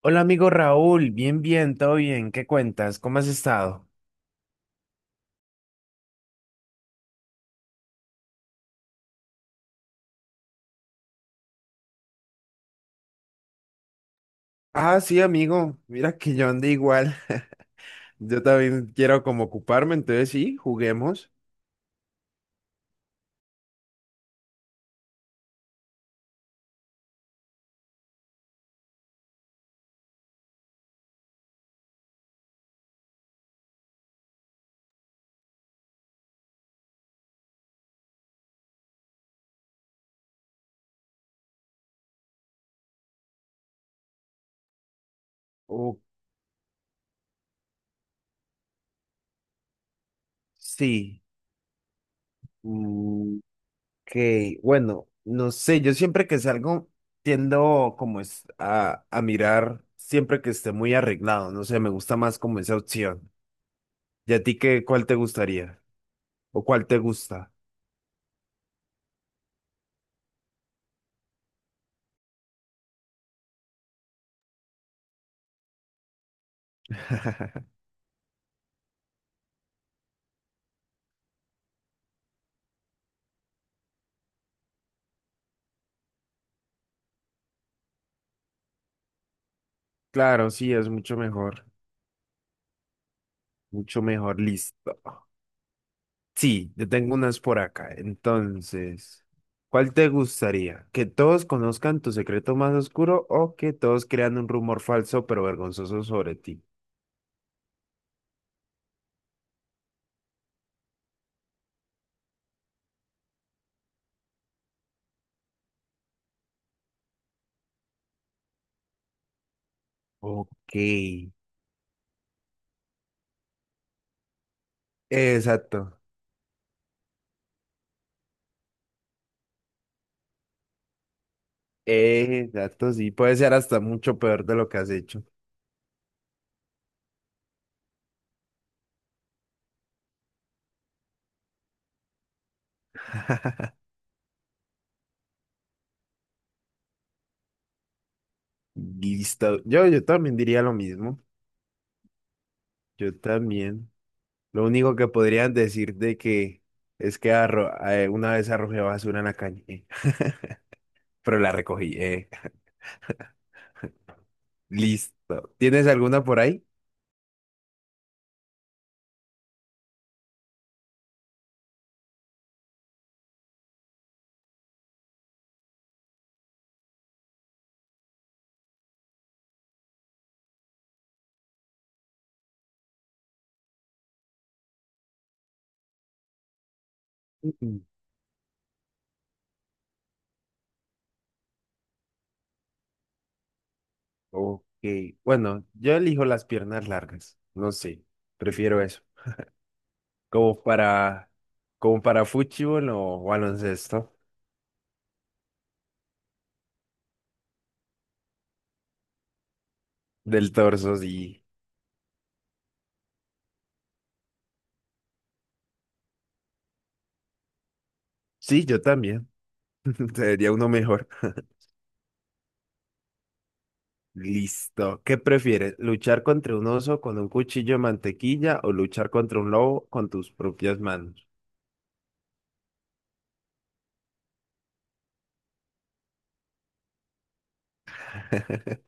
Hola amigo Raúl, bien, bien, todo bien, ¿qué cuentas? ¿Cómo has estado? Ah, sí, amigo. Mira que yo ando igual. Yo también quiero como ocuparme, entonces sí, juguemos. Oh, sí, mm, que bueno, no sé, yo siempre que salgo tiendo como es a mirar siempre que esté muy arreglado, no sé, me gusta más como esa opción. ¿Y a ti qué, cuál te gustaría? ¿O cuál te gusta? Claro, sí, es mucho mejor, listo. Sí, yo tengo unas por acá. Entonces, ¿cuál te gustaría? ¿Que todos conozcan tu secreto más oscuro o que todos crean un rumor falso pero vergonzoso sobre ti? Ok. Exacto. Exacto, sí. Puede ser hasta mucho peor de lo que has hecho. Listo. Yo también diría lo mismo. Yo también. Lo único que podrían decir de que es que una vez arrojé basura en la calle, pero la recogí. Listo. ¿Tienes alguna por ahí? Mm. Ok. Bueno, yo elijo las piernas largas. No sé. Prefiero eso. Como para, como para fútbol o baloncesto. Del torso, sí. Sí, yo también. Sería uno mejor. Listo. ¿Qué prefieres? ¿Luchar contra un oso con un cuchillo de mantequilla o luchar contra un lobo con tus propias manos?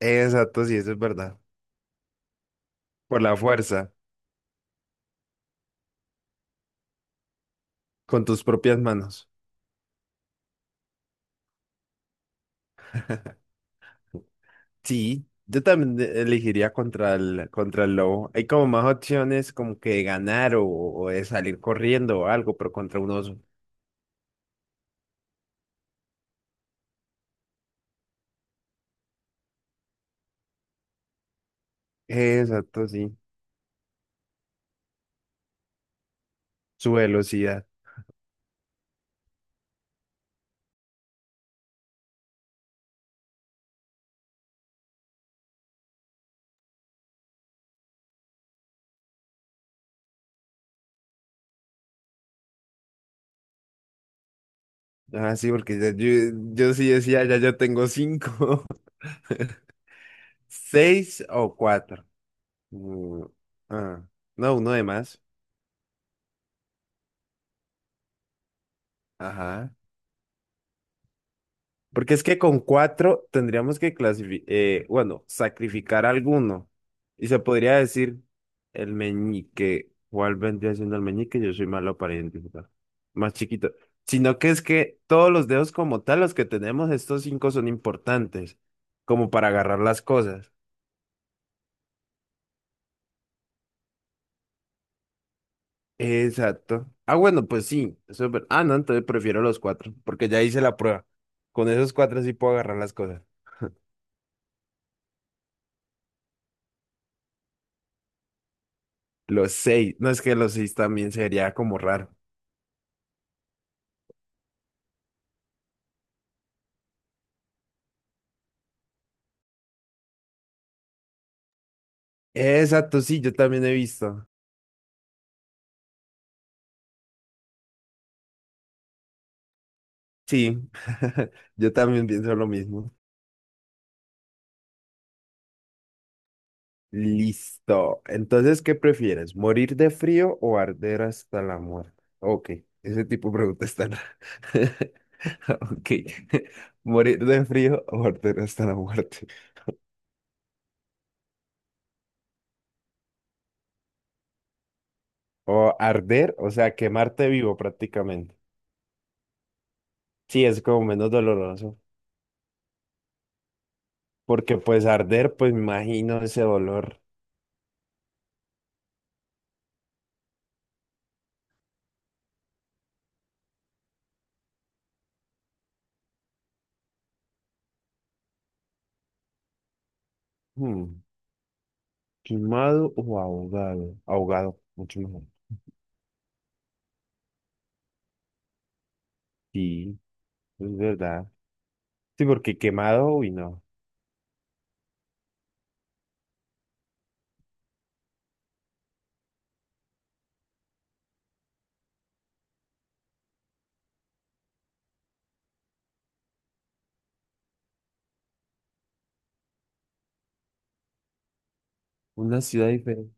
Exacto, sí, eso es verdad. Por la fuerza, con tus propias manos. Sí, yo también elegiría contra el lobo. Hay como más opciones como que de ganar o de salir corriendo o algo, pero contra un oso. Exacto, sí. Su velocidad. Ah, sí, porque ya yo sí decía, ya yo tengo cinco, seis o cuatro. Mm, ah, no, uno de más. Ajá. Porque es que con cuatro tendríamos que clasificar, bueno, sacrificar alguno. Y se podría decir el meñique. ¿Cuál vendría siendo el meñique? Yo soy malo para identificar. Más chiquito. Sino que es que todos los dedos como tal, los que tenemos, estos cinco son importantes, como para agarrar las cosas. Exacto. Ah, bueno, pues sí. Eso es ver- Ah, no, entonces prefiero los cuatro, porque ya hice la prueba. Con esos cuatro sí puedo agarrar las cosas. Los seis. No es que los seis también sería como raro. Exacto, sí, yo también he visto. Sí, yo también pienso lo mismo. Listo. Entonces, ¿qué prefieres? ¿Morir de frío o arder hasta la muerte? Ok, ese tipo de preguntas están. Ok. ¿Morir de frío o arder hasta la muerte? O arder, o sea, quemarte vivo prácticamente. Sí, es como menos doloroso. Porque pues arder, pues me imagino ese dolor. Hmm, ¿quemado o ahogado? Ahogado, mucho mejor. Sí. Es verdad. Sí, porque quemado, uy, no. Una ciudad diferente.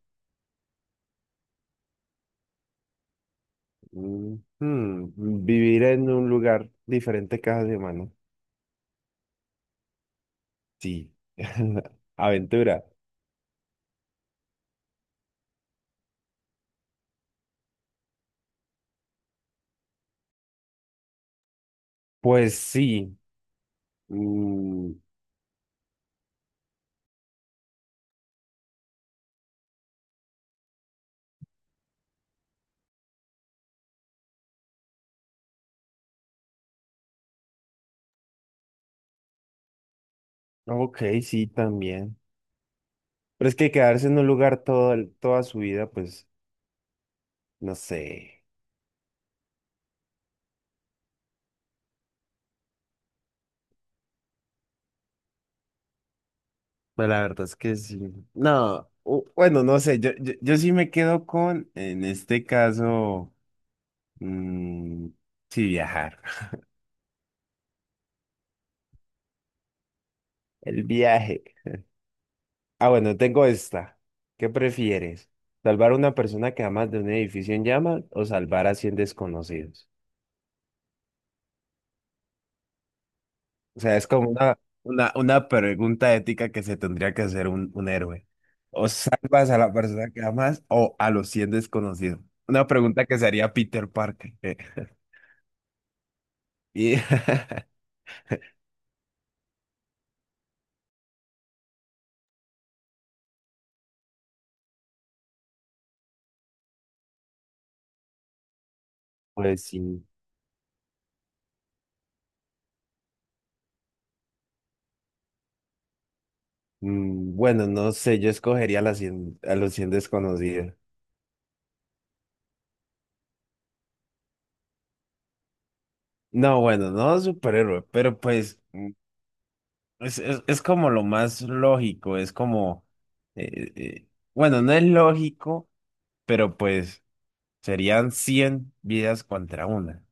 Mm, mm, vivir en un lugar diferente cada semana. Sí. Aventura. Pues sí. Mm, ok, sí, también. Pero es que quedarse en un lugar todo, el- toda su vida, pues, no sé. Pues la verdad es que sí. No, bueno, no sé. Yo sí me quedo con, en este caso, mm, sí, viajar. El viaje. Ah, bueno, tengo esta. ¿Qué prefieres? ¿Salvar a una persona que amas de un edificio en llamas o salvar a 100 desconocidos? O sea, es como una pregunta ética que se tendría que hacer un héroe. ¿O salvas a la persona que amas o a los 100 desconocidos? Una pregunta que se haría Peter Parker. Y pues sí. Mm, bueno, no sé, yo escogería a, las 100 a los 100 desconocidos. No, bueno, no superhéroe, pero pues. Es como lo más lógico, es como, eh, eh, bueno, no es lógico, pero pues serían 100 vidas contra una.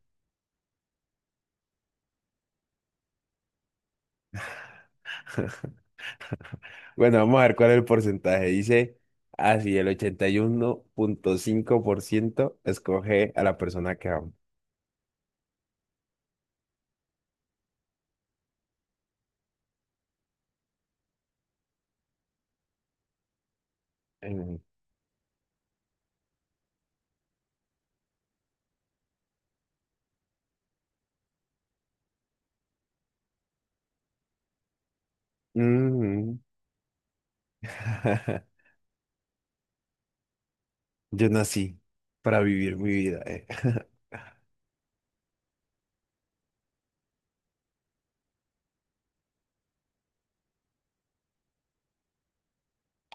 Bueno, vamos a ver cuál es el porcentaje. Dice, así el 81,5% escoge a la persona que amo. Mm. Mm. Yo nací para vivir mi vida.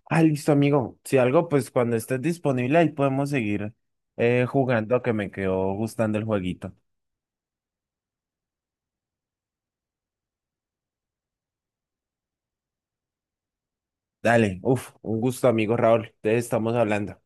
Ah, listo, amigo. Si algo, pues cuando estés disponible ahí podemos seguir jugando, que me quedó gustando el jueguito. Dale, uf, un gusto, amigo Raúl. Entonces estamos hablando.